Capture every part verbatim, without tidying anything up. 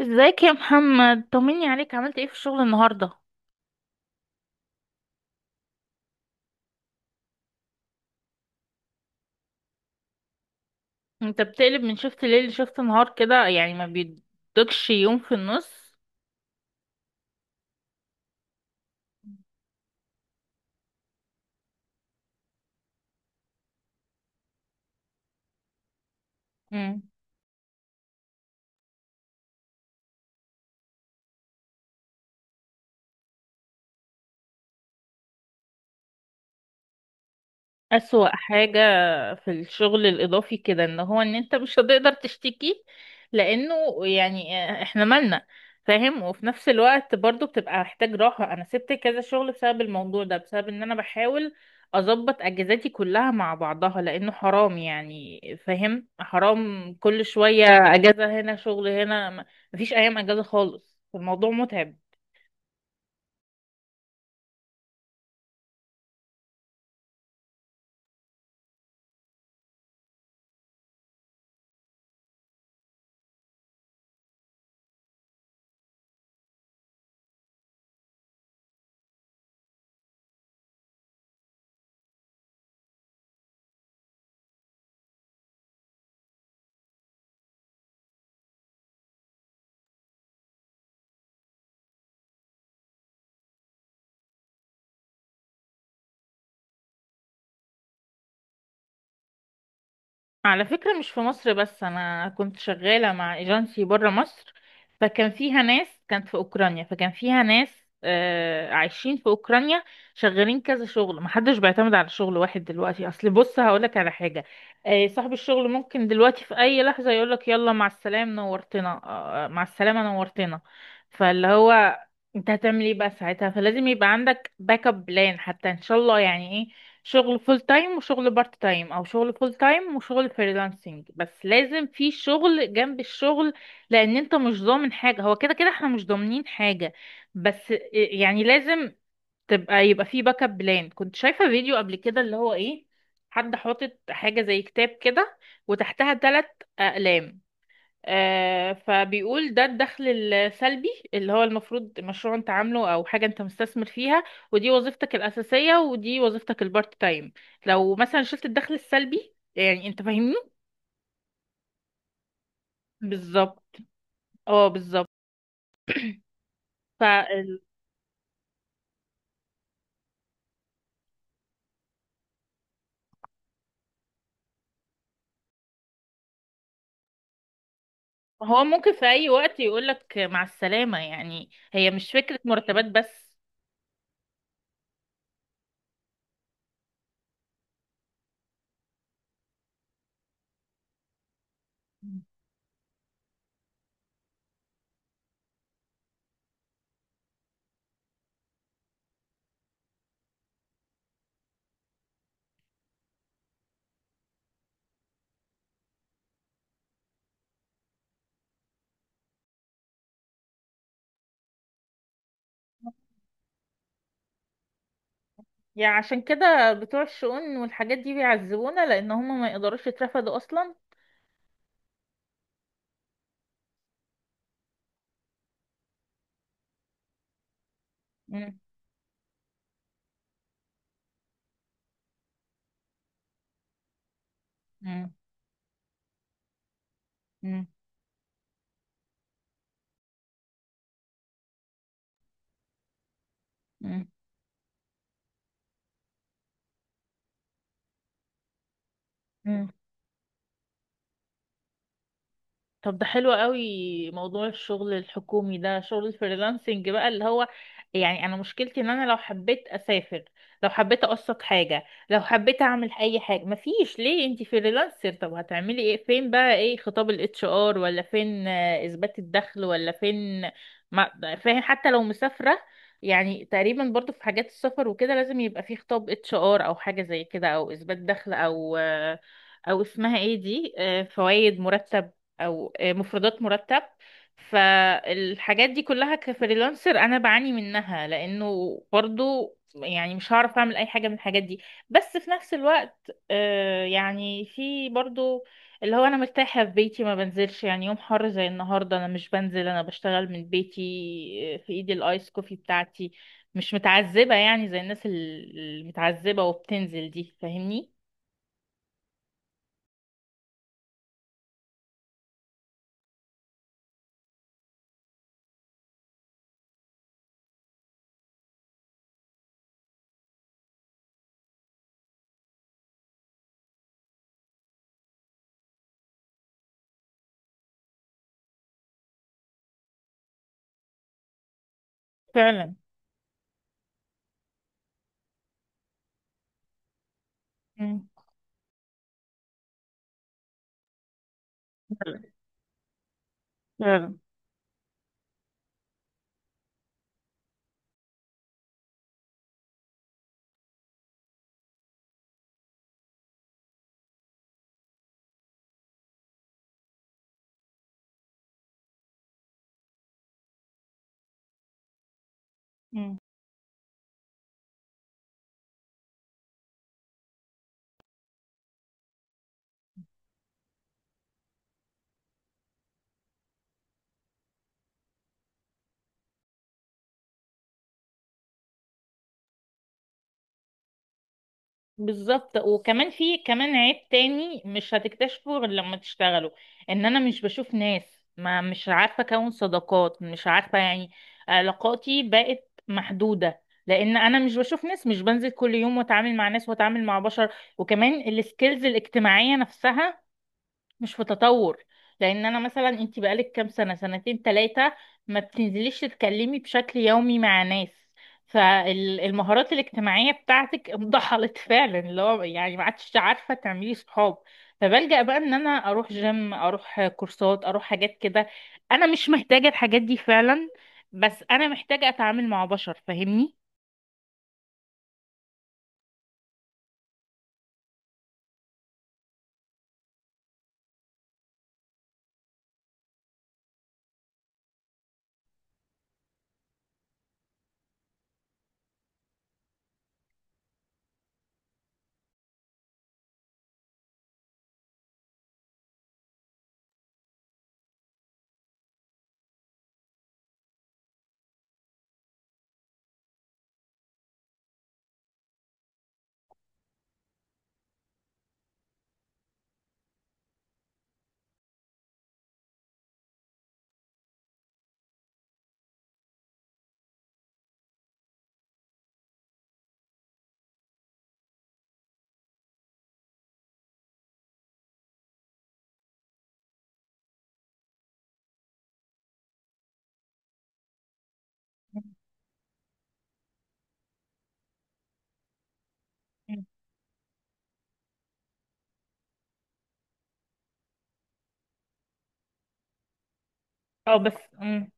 ازيك يا محمد؟ طمني عليك، عملت ايه في الشغل النهارده؟ انت بتقلب من شفت ليل لشفت نهار كده يعني ما بيدكش يوم في النص؟ مم. أسوأ حاجة في الشغل الإضافي كده إن هو إن أنت مش هتقدر تشتكي، لأنه يعني إحنا مالنا، فاهم؟ وفي نفس الوقت برضو بتبقى محتاج راحة. أنا سبت كذا شغل بسبب الموضوع ده، بسبب إن أنا بحاول أظبط أجازاتي كلها مع بعضها، لأنه حرام يعني. فاهم؟ حرام كل شوية أجازة هنا شغل هنا م- مفيش أيام أجازة خالص، الموضوع متعب. على فكرة مش في مصر بس، أنا كنت شغالة مع ايجنسي برا مصر، فكان فيها ناس كانت في أوكرانيا، فكان فيها ناس آه عايشين في أوكرانيا شغالين كذا شغل. محدش بيعتمد على شغل واحد دلوقتي. أصل بص هقولك على حاجة، آه، صاحب الشغل ممكن دلوقتي في أي لحظة يقولك يلا مع السلام نورتنا. آه آه، مع السلامة نورتنا. فاللي هو انت هتعمل ايه بقى ساعتها؟ فلازم يبقى عندك باك اب بلان، حتى ان شاء الله يعني إيه، شغل فول تايم وشغل بارت تايم، او شغل فول تايم وشغل فريلانسنج، بس لازم في شغل جنب الشغل. لان انت مش ضامن حاجة، هو كده كده احنا مش ضامنين حاجة، بس يعني لازم تبقى يبقى في باك اب بلان. كنت شايفة فيديو قبل كده اللي هو ايه، حد حاطط حاجة زي كتاب كده وتحتها ثلاث اقلام. آه، فبيقول ده الدخل السلبي، اللي هو المفروض مشروع انت عامله او حاجة انت مستثمر فيها، ودي وظيفتك الأساسية، ودي وظيفتك البارت تايم. لو مثلا شلت الدخل السلبي، يعني انت فاهمني؟ بالظبط. اه بالظبط. فهو ممكن في اي وقت يقولك مع السلامة، يعني هي مش فكرة مرتبات بس. يعني عشان كده بتوع الشؤون والحاجات دي بيعذبونا، لان هم ما يقدروش يترفدوا اصلا. مم. مم. مم. مم. طب ده حلو قوي موضوع الشغل الحكومي ده. شغل الفريلانسنج بقى اللي هو يعني انا مشكلتي ان انا لو حبيت اسافر، لو حبيت اقسط حاجة، لو حبيت اعمل اي حاجة، مفيش. ليه؟ انتي فريلانسر، طب هتعملي ايه؟ فين بقى ايه خطاب الاتش ار؟ ولا فين آه، اثبات الدخل؟ ولا فين؟ ما فاهم. حتى لو مسافرة، يعني تقريبا برضو في حاجات السفر وكده لازم يبقى في خطاب اتش ار او حاجة زي كده، او اثبات دخل، او آه، او اسمها ايه دي، فوائد مرتب، او مفردات مرتب. فالحاجات دي كلها كفريلانسر انا بعاني منها، لانه برضو يعني مش هعرف اعمل اي حاجة من الحاجات دي. بس في نفس الوقت آه، يعني في برضو اللي هو انا مرتاحة في بيتي، ما بنزلش يعني. يوم حر زي النهاردة انا مش بنزل، انا بشتغل من بيتي، آه، في ايدي الايس كوفي بتاعتي، مش متعذبة يعني زي الناس ال- المتعذبة وبتنزل دي. فاهمني؟ فعلا. مم. فعلا. فعلا. بالظبط. وكمان في كمان عيب تاني مش هتكتشفه غير لما تشتغلوا، ان انا مش بشوف ناس، ما مش عارفه اكون صداقات، مش عارفه يعني، علاقاتي بقت محدوده لان انا مش بشوف ناس، مش بنزل كل يوم واتعامل مع ناس واتعامل مع بشر. وكمان السكيلز الاجتماعيه نفسها مش في تطور، لان انا مثلا انت بقالك كام سنه، سنتين ثلاثه ما بتنزليش تتكلمي بشكل يومي مع ناس، فالمهارات الاجتماعيه بتاعتك انضحلت. فعلا اللي هو يعني ما عادش عارفه تعملي صحاب، فبلجأ بقى ان انا اروح جيم، اروح كورسات، اروح حاجات كده. انا مش محتاجه الحاجات دي فعلا، بس انا محتاجه اتعامل مع بشر. فاهمني؟ مم. اه بس مم.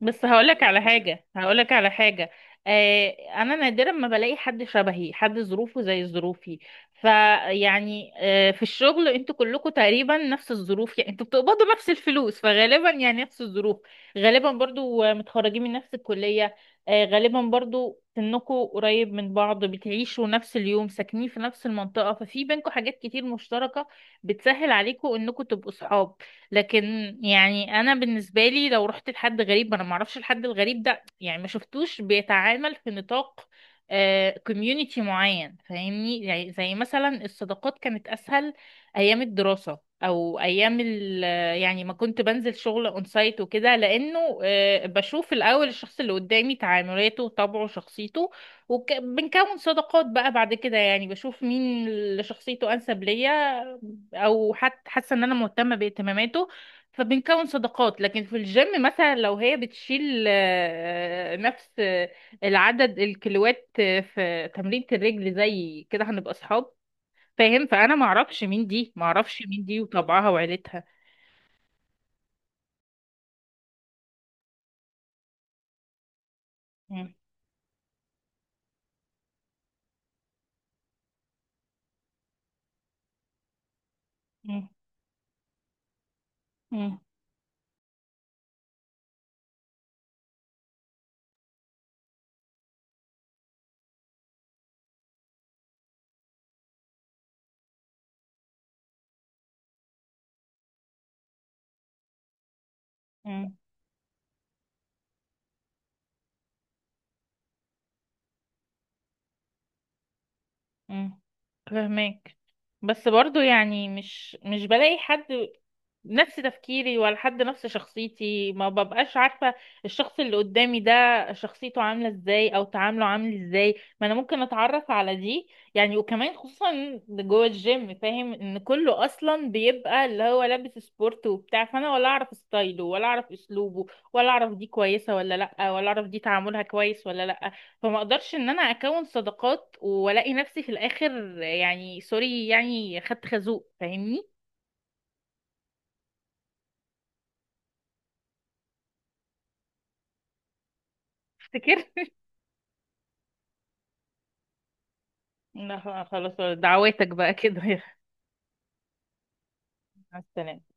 بس هقولك على حاجة، هقولك على حاجة، آه، أنا نادرا ما بلاقي حد شبهي، حد ظروفه زي ظروفي. فيعني آه في الشغل انتوا كلكم تقريبا نفس الظروف، يعني انتوا بتقبضوا نفس الفلوس فغالبا يعني نفس الظروف. غالبا برضو آه، متخرجين من نفس الكلية، آه غالبا برضو سنكم قريب من بعض، بتعيشوا نفس اليوم، ساكنين في نفس المنطقة، ففي بينكم حاجات كتير مشتركة بتسهل عليكم انكم تبقوا صحاب. لكن يعني انا بالنسبه لي لو رحت لحد غريب، انا ما اعرفش الحد الغريب ده، يعني ما شفتوش بيتعامل في نطاق كوميونيتي معين. فاهمني؟ يعني زي مثلا الصداقات كانت اسهل ايام الدراسه او ايام ال، يعني ما كنت بنزل شغل اون سايت وكده، لانه آه، بشوف الاول الشخص اللي قدامي تعاملاته، طبعه، شخصيته، وبنكون صداقات بقى بعد كده. يعني بشوف مين اللي شخصيته انسب ليا، او حتى حاسه ان انا مهتمه باهتماماته، فبنكون صداقات. لكن في الجيم مثلا لو هي بتشيل آه، نفس آه، العدد الكيلوات آه، في تمرينة الرجل زي كده هنبقى اصحاب. فاهم؟ فانا ما اعرفش مين دي، ما اعرفش مين دي وطبعها وعيلتها. مم. مم. مم. مم. فهمك. بس برضو يعني مش مش بلاقي حد نفس تفكيري، ولا حد نفس شخصيتي، ما ببقاش عارفة الشخص اللي قدامي ده شخصيته عاملة ازاي، او تعامله عامل ازاي. ما انا ممكن اتعرف على دي يعني. وكمان خصوصا جوه الجيم، فاهم ان كله اصلا بيبقى اللي هو لابس سبورت وبتاع، فانا ولا اعرف ستايله، ولا اعرف اسلوبه، ولا اعرف دي كويسة ولا لا، ولا اعرف دي تعاملها كويس ولا لا، فما اقدرش ان انا اكون صداقات والاقي نفسي في الاخر، يعني سوري يعني خدت خازوق. فاهمني؟ افتكر. لا خلاص. دعواتك بقى كده. مع السلامة.